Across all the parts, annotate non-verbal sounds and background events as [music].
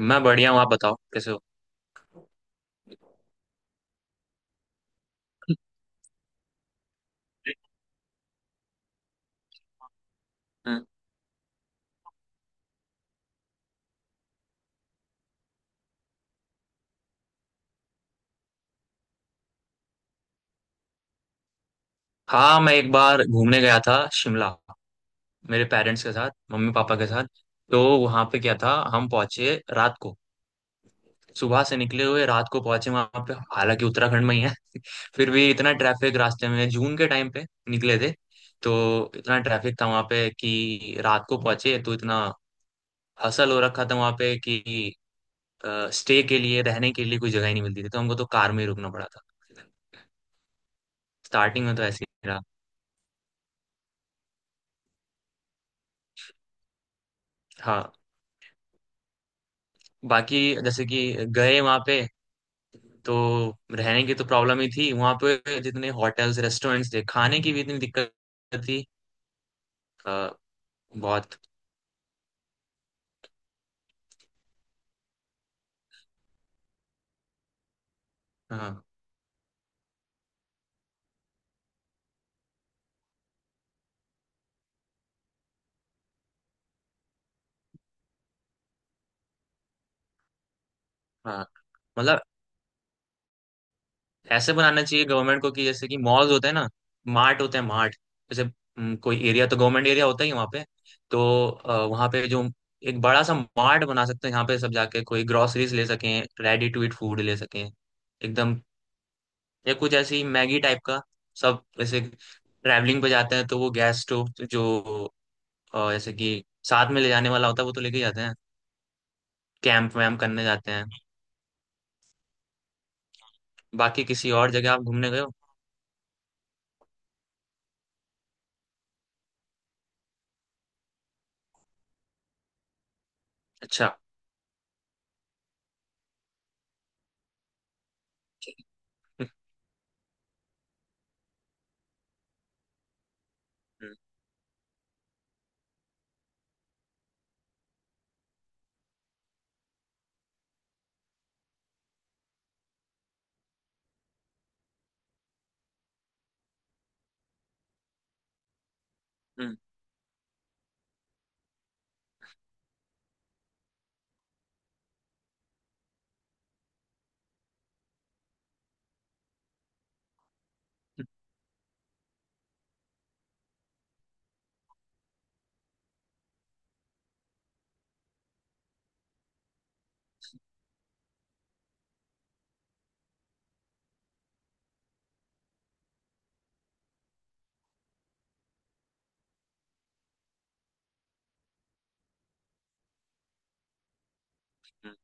मैं बढ़िया हूँ। आप बताओ, कैसे हो? हम्म। हाँ, मैं एक बार घूमने गया था शिमला। मेरे पेरेंट्स के साथ, मम्मी पापा के साथ। तो वहाँ पे क्या था, हम पहुंचे रात को। सुबह से निकले हुए रात को पहुंचे वहाँ पे, हालांकि उत्तराखंड में ही है। फिर भी इतना ट्रैफिक रास्ते में, जून के टाइम पे निकले थे। तो इतना ट्रैफिक था वहाँ पे कि रात को पहुंचे तो इतना हसल हो रखा था वहाँ पे कि स्टे के लिए, रहने के लिए कोई जगह ही नहीं मिलती थी, तो हमको तो कार में ही रुकना पड़ा था। स्टार्टिंग में तो ऐसे ही रहा। हाँ, बाकी जैसे कि गए वहां पे तो रहने की तो प्रॉब्लम ही थी वहां पे। जितने होटल्स रेस्टोरेंट्स थे, खाने की भी इतनी दिक्कत थी। अ, बहुत। हाँ, हाँ, मतलब ऐसे बनाना चाहिए गवर्नमेंट को कि जैसे कि मॉल्स होते हैं ना, मार्ट होते हैं मार्ट जैसे। कोई एरिया तो गवर्नमेंट एरिया होता ही है वहाँ पे। तो वहाँ पे जो एक बड़ा सा मार्ट बना सकते हैं, यहाँ पे सब जाके कोई ग्रोसरीज ले सकें, रेडी टू ईट फूड ले सकें एकदम। या कुछ ऐसी मैगी टाइप का सब, जैसे ट्रैवलिंग पे जाते हैं तो वो गैस स्टोव जो जैसे कि साथ में ले जाने वाला होता है, वो तो लेके जाते हैं। कैंप वैम्प करने जाते हैं। बाकी किसी और जगह आप घूमने गए हो? अच्छा। [laughs] हम्म। हम्म। हम्म।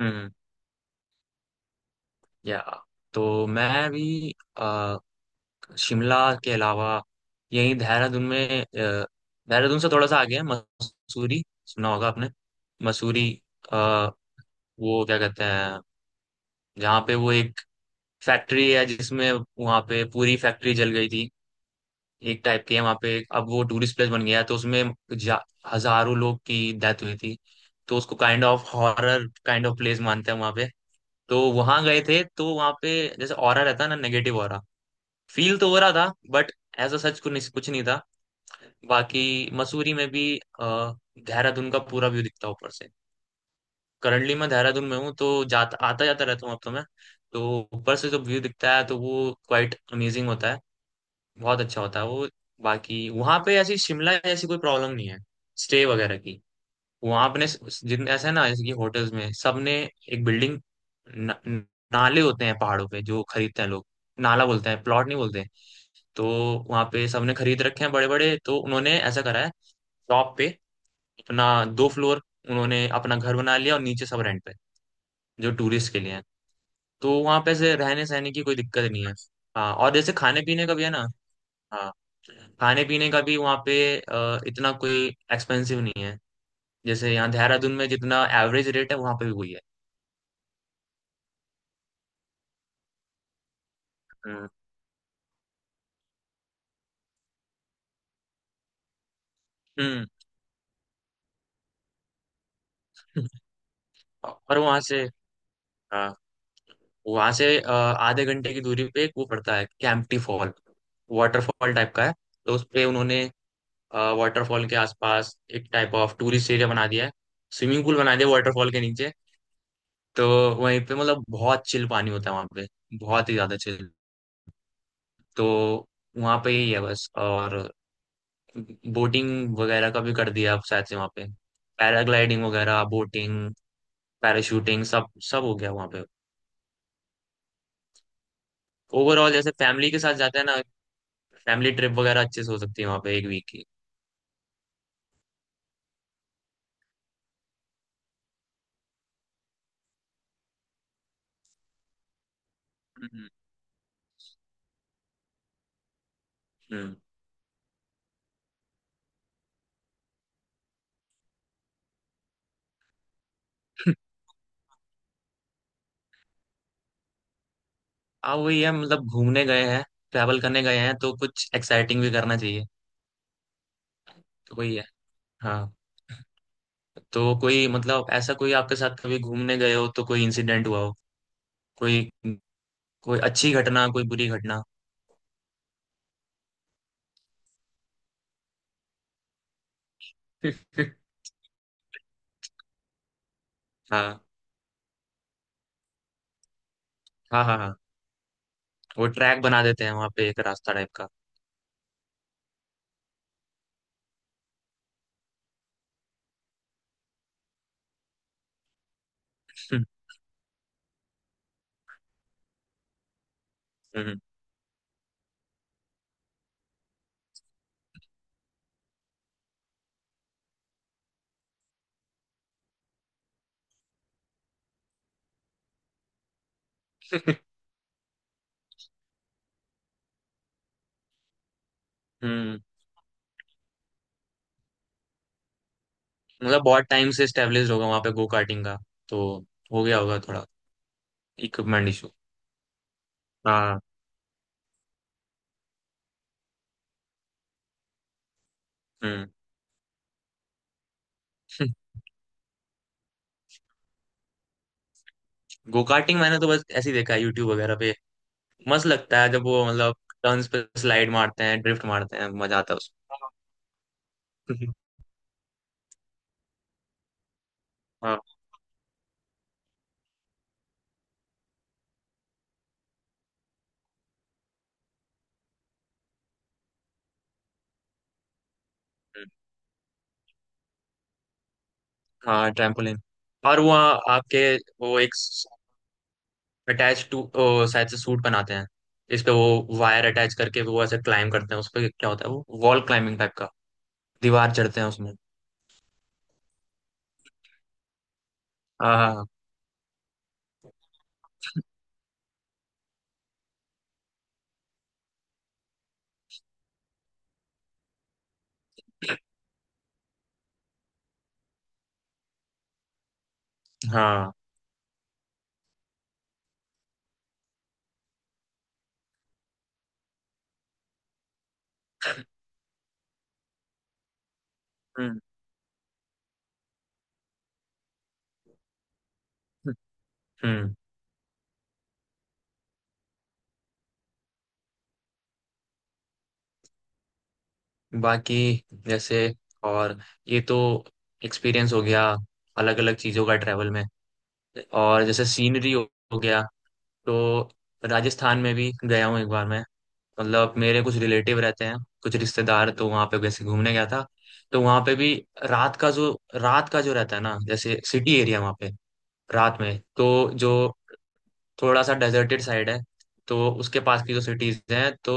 हम्म। या तो मैं भी अ, शिमला के अलावा यही देहरादून में, देहरादून से थोड़ा सा आगे है मसूरी, सुना होगा आपने? मसूरी। अ, वो क्या कहते हैं, जहाँ पे वो एक फैक्ट्री है जिसमें, वहां पे पूरी फैक्ट्री जल गई थी। एक टाइप की है वहां पे, अब वो टूरिस्ट प्लेस बन गया है, तो उसमें हजारों लोग की डेथ हुई थी। तो उसको kind of horror kind of place मानते हैं वहां पे। तो वहां गए थे, तो वहां पे जैसे ऑरा रहता है ना, नेगेटिव ऑरा, फील तो हो रहा था। बट ऐसा सच कुछ कुछ नहीं था। बाकी मसूरी में भी देहरादून का पूरा व्यू दिखता है ऊपर से। करंटली मैं देहरादून में हूँ, तो जाता आता जाता रहता हूँ अब तो मैं। तो ऊपर से जब व्यू दिखता है तो वो क्वाइट अमेजिंग होता है, बहुत अच्छा होता है वो। बाकी वहां पे ऐसी शिमला जैसी कोई प्रॉब्लम नहीं है, स्टे वगैरह की। वहां अपने जितने ऐसा है ना, जैसे कि होटल्स में सबने एक बिल्डिंग, न, न- नाले होते हैं पहाड़ों पे जो खरीदते हैं लोग। नाला बोलते हैं, प्लॉट नहीं बोलते हैं। तो वहां पे सबने खरीद रखे हैं बड़े बड़े, तो उन्होंने ऐसा करा है टॉप पे अपना दो फ्लोर, उन्होंने अपना घर बना लिया और नीचे सब रेंट पे जो टूरिस्ट के लिए है। तो वहां पे ऐसे रहने सहने की कोई दिक्कत नहीं है। हाँ, और जैसे खाने पीने का भी है ना। हाँ, खाने पीने का भी वहाँ पे इतना कोई एक्सपेंसिव नहीं है। जैसे यहाँ देहरादून में जितना एवरेज रेट है वहाँ पे भी वही है। हम्म। हम्म। [laughs] और वहाँ से, हाँ, वहाँ से आधे घंटे की दूरी पे एक वो पड़ता है कैंपटी फॉल। वाटरफॉल टाइप का है। तो उस पे उन्होंने वाटरफॉल के आसपास एक टाइप ऑफ टूरिस्ट एरिया बना दिया है। स्विमिंग पूल बना दिया वाटरफॉल के नीचे। तो वहीं पे मतलब बहुत चिल पानी होता है वहाँ पे, बहुत ही ज्यादा चिल। तो वहाँ पे यही है बस। और बोटिंग वगैरह का भी कर दिया आप शायद से वहाँ पे, पैराग्लाइडिंग वगैरह, बोटिंग, पैराशूटिंग, सब सब हो गया वहाँ पे। ओवरऑल जैसे फैमिली के साथ जाते हैं ना, फैमिली ट्रिप वगैरह अच्छे से हो सकती है वहाँ पे एक वीक की। हम्म। हम्म। अब वही है, मतलब घूमने गए हैं, ट्रैवल करने गए हैं तो कुछ एक्साइटिंग भी करना चाहिए। तो कोई है? हाँ, तो कोई मतलब ऐसा कोई आपके साथ कभी घूमने गए हो तो कोई इंसिडेंट हुआ हो, कोई कोई अच्छी घटना, कोई बुरी घटना? [laughs] हाँ, हाँ, हाँ। हाँ, वो ट्रैक बना देते हैं वहां पे एक रास्ता टाइप का। हम्म। हम्म। [laughs] हम्म। मतलब बहुत टाइम से स्टेब्लिश होगा वहां पे गो कार्टिंग का, तो हो गया होगा थोड़ा इक्विपमेंट इशू। हाँ। हम्म। [laughs] गो कार्टिंग मैंने तो बस ऐसे ही देखा है यूट्यूब वगैरह पे। मस्त लगता है जब वो मतलब टर्न्स पे स्लाइड मारते हैं, ड्रिफ्ट मारते हैं, मजा आता है उसमें। हाँ। हम्म। हाँ, ट्रैम्पोलिन। और वो आपके, वो एक अटैच टू शायद से सूट बनाते हैं, इस पे वो वायर अटैच करके वो ऐसे क्लाइम करते हैं उस पे। क्या होता है वो वॉल क्लाइंबिंग टाइप का, दीवार चढ़ते हैं उसमें। हाँ। हाँ। हम्म। हम्म। हम्म। बाकी जैसे, और ये तो एक्सपीरियंस हो गया अलग अलग चीज़ों का ट्रैवल में। और जैसे सीनरी हो गया। तो राजस्थान में भी गया हूँ एक बार मैं, मतलब मेरे कुछ रिलेटिव रहते हैं, कुछ रिश्तेदार, तो वहाँ पे वैसे घूमने गया था। तो वहाँ पे भी रात का जो रहता है ना, जैसे सिटी एरिया वहाँ पे, रात में तो जो थोड़ा सा डेजर्टेड साइड है, तो उसके पास की जो सिटीज हैं, तो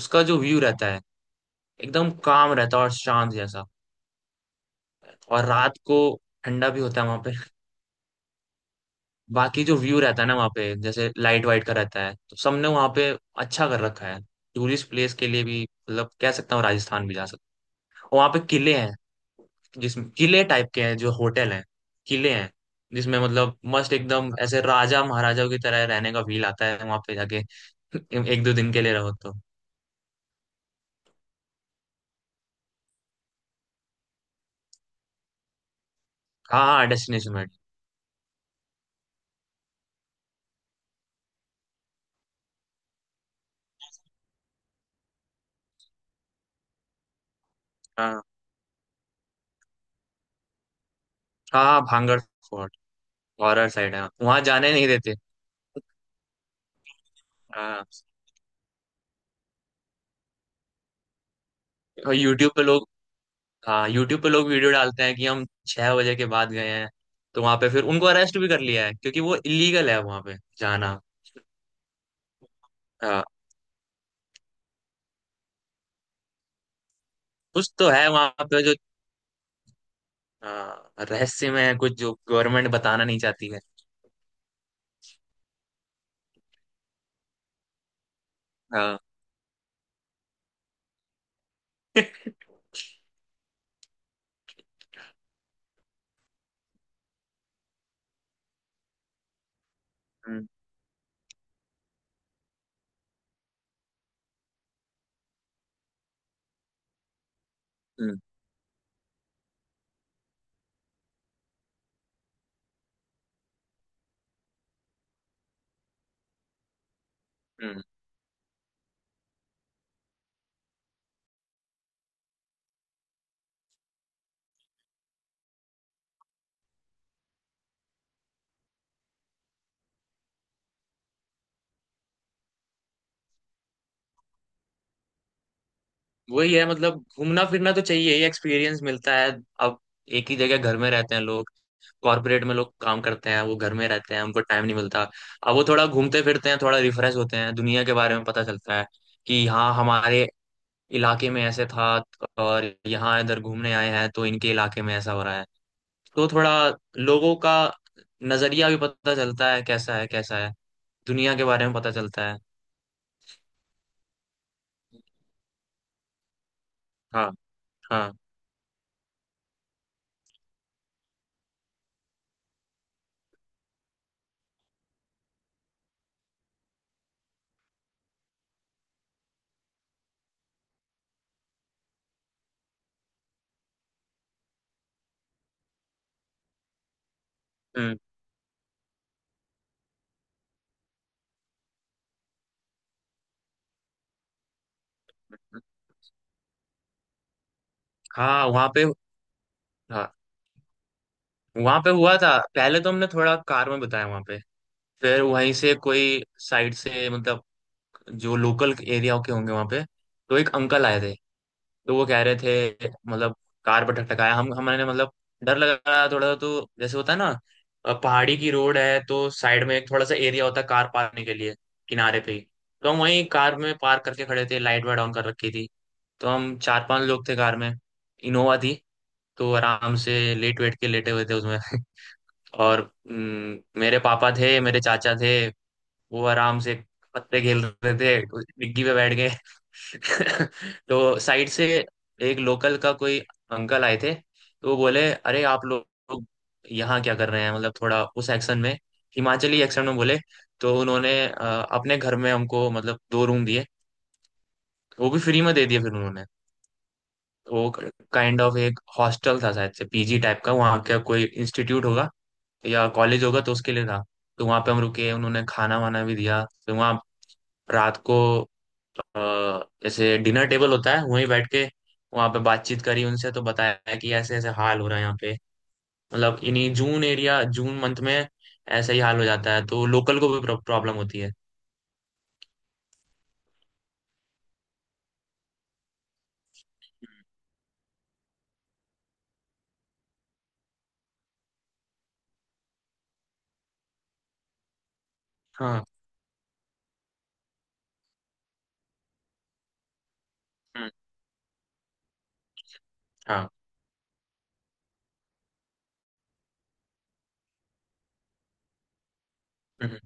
उसका जो व्यू रहता है, एकदम काम रहता है और शांत जैसा। और रात को ठंडा भी होता है वहां पे। बाकी जो व्यू रहता है ना वहाँ पे, जैसे लाइट वाइट का रहता है, तो सबने वहाँ पे अच्छा कर रखा है। टूरिस्ट प्लेस के लिए भी, मतलब कह सकता हूँ राजस्थान भी जा सकता हूँ। वहाँ पे किले हैं, जिसमें किले टाइप के हैं जो होटल हैं, किले हैं, जिसमें मतलब मस्त, एकदम ऐसे राजा महाराजाओं की तरह रहने का फील आता है वहां पे जाके [laughs] एक दो दिन के लिए रहो तो। हाँ, हाँ, डेस्टिनेशन वेडिंग। हाँ, हाँ, हाँ, भांगड़ फोर्ट। हॉरर साइड है, वहां जाने नहीं देते। हाँ, और यूट्यूब पे लोग, हाँ, यूट्यूब पे लोग वीडियो डालते हैं कि हम 6 बजे के बाद गए हैं, तो वहां पे फिर उनको अरेस्ट भी कर लिया है क्योंकि वो इलीगल है वहां पे जाना। हाँ, कुछ तो है वहां पे जो, हाँ, रहस्य में है, कुछ जो गवर्नमेंट बताना नहीं चाहती है। हाँ। हम्म। हम्म। हम्म। वही है, मतलब घूमना फिरना तो चाहिए ही, एक्सपीरियंस मिलता है। अब एक ही जगह घर में रहते हैं लोग, कॉर्पोरेट में लोग काम करते हैं, वो घर में रहते हैं, उनको टाइम नहीं मिलता। अब वो थोड़ा घूमते फिरते हैं, थोड़ा रिफ्रेश होते हैं, दुनिया के बारे में पता चलता है कि हाँ, हमारे इलाके में ऐसे था, और यहाँ इधर घूमने आए हैं तो इनके इलाके में ऐसा हो रहा है। तो थोड़ा लोगों का नजरिया भी पता चलता है कैसा है कैसा है, दुनिया के बारे में पता चलता है। हाँ। हाँ। हम्म। हाँ, वहाँ पे, हाँ, वहाँ पे हुआ था, पहले तो हमने थोड़ा कार में बताया वहाँ पे। फिर वहीं से कोई साइड से, मतलब जो लोकल एरिया के होंगे वहाँ पे, तो एक अंकल आए थे, तो वो कह रहे थे, मतलब कार पर ठटकाया। हम हमारे, मतलब डर लग रहा था थोड़ा सा, तो जैसे होता है ना, पहाड़ी की रोड है तो साइड में एक थोड़ा सा एरिया होता है कार पार्क करने के लिए, किनारे पे ही। तो हम वहीं कार में पार्क करके खड़े थे, लाइट वाइट ऑन कर रखी थी। तो हम चार पांच लोग थे कार में, इनोवा थी। तो आराम से लेट वेट के लेटे हुए थे उसमें। [laughs] और मेरे पापा थे, मेरे चाचा थे, वो आराम से पत्ते खेल रहे थे, डिग्गी पे बैठ गए। [laughs] तो साइड से एक लोकल का कोई अंकल आए थे, तो वो बोले अरे आप लोग यहाँ क्या कर रहे हैं, मतलब थोड़ा उस एक्शन में, हिमाचली एक्शन में बोले। तो उन्होंने अपने घर में हमको, मतलब दो रूम दिए, वो भी फ्री में दे दिए फिर उन्होंने। वो काइंड ऑफ एक हॉस्टल था शायद से, पीजी टाइप का, वहाँ का कोई इंस्टीट्यूट होगा या कॉलेज होगा तो उसके लिए था। तो वहाँ पे हम रुके, उन्होंने खाना वाना भी दिया। फिर वहाँ रात को ऐसे डिनर टेबल होता है, वहीं बैठ के वहां पे बातचीत करी उनसे। तो बताया कि ऐसे ऐसे हाल हो रहा है यहाँ पे, मतलब इन्हीं जून एरिया, जून मंथ में ऐसा ही हाल हो जाता है, तो लोकल को भी प्रॉब्लम होती है। हाँ। हम्म। हाँ। हम्म।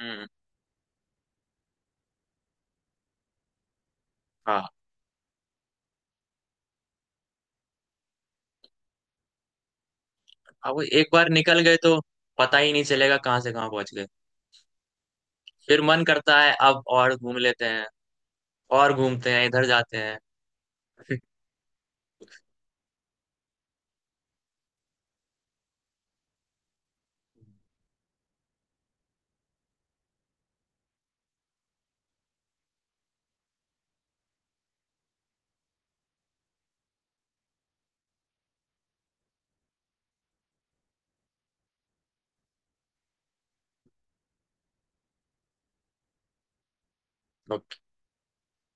हम्म। हाँ। अब वो एक बार निकल गए तो पता ही नहीं चलेगा कहाँ से कहाँ पहुंच गए। फिर मन करता है अब और घूम लेते हैं, और घूमते हैं, इधर जाते हैं। [laughs]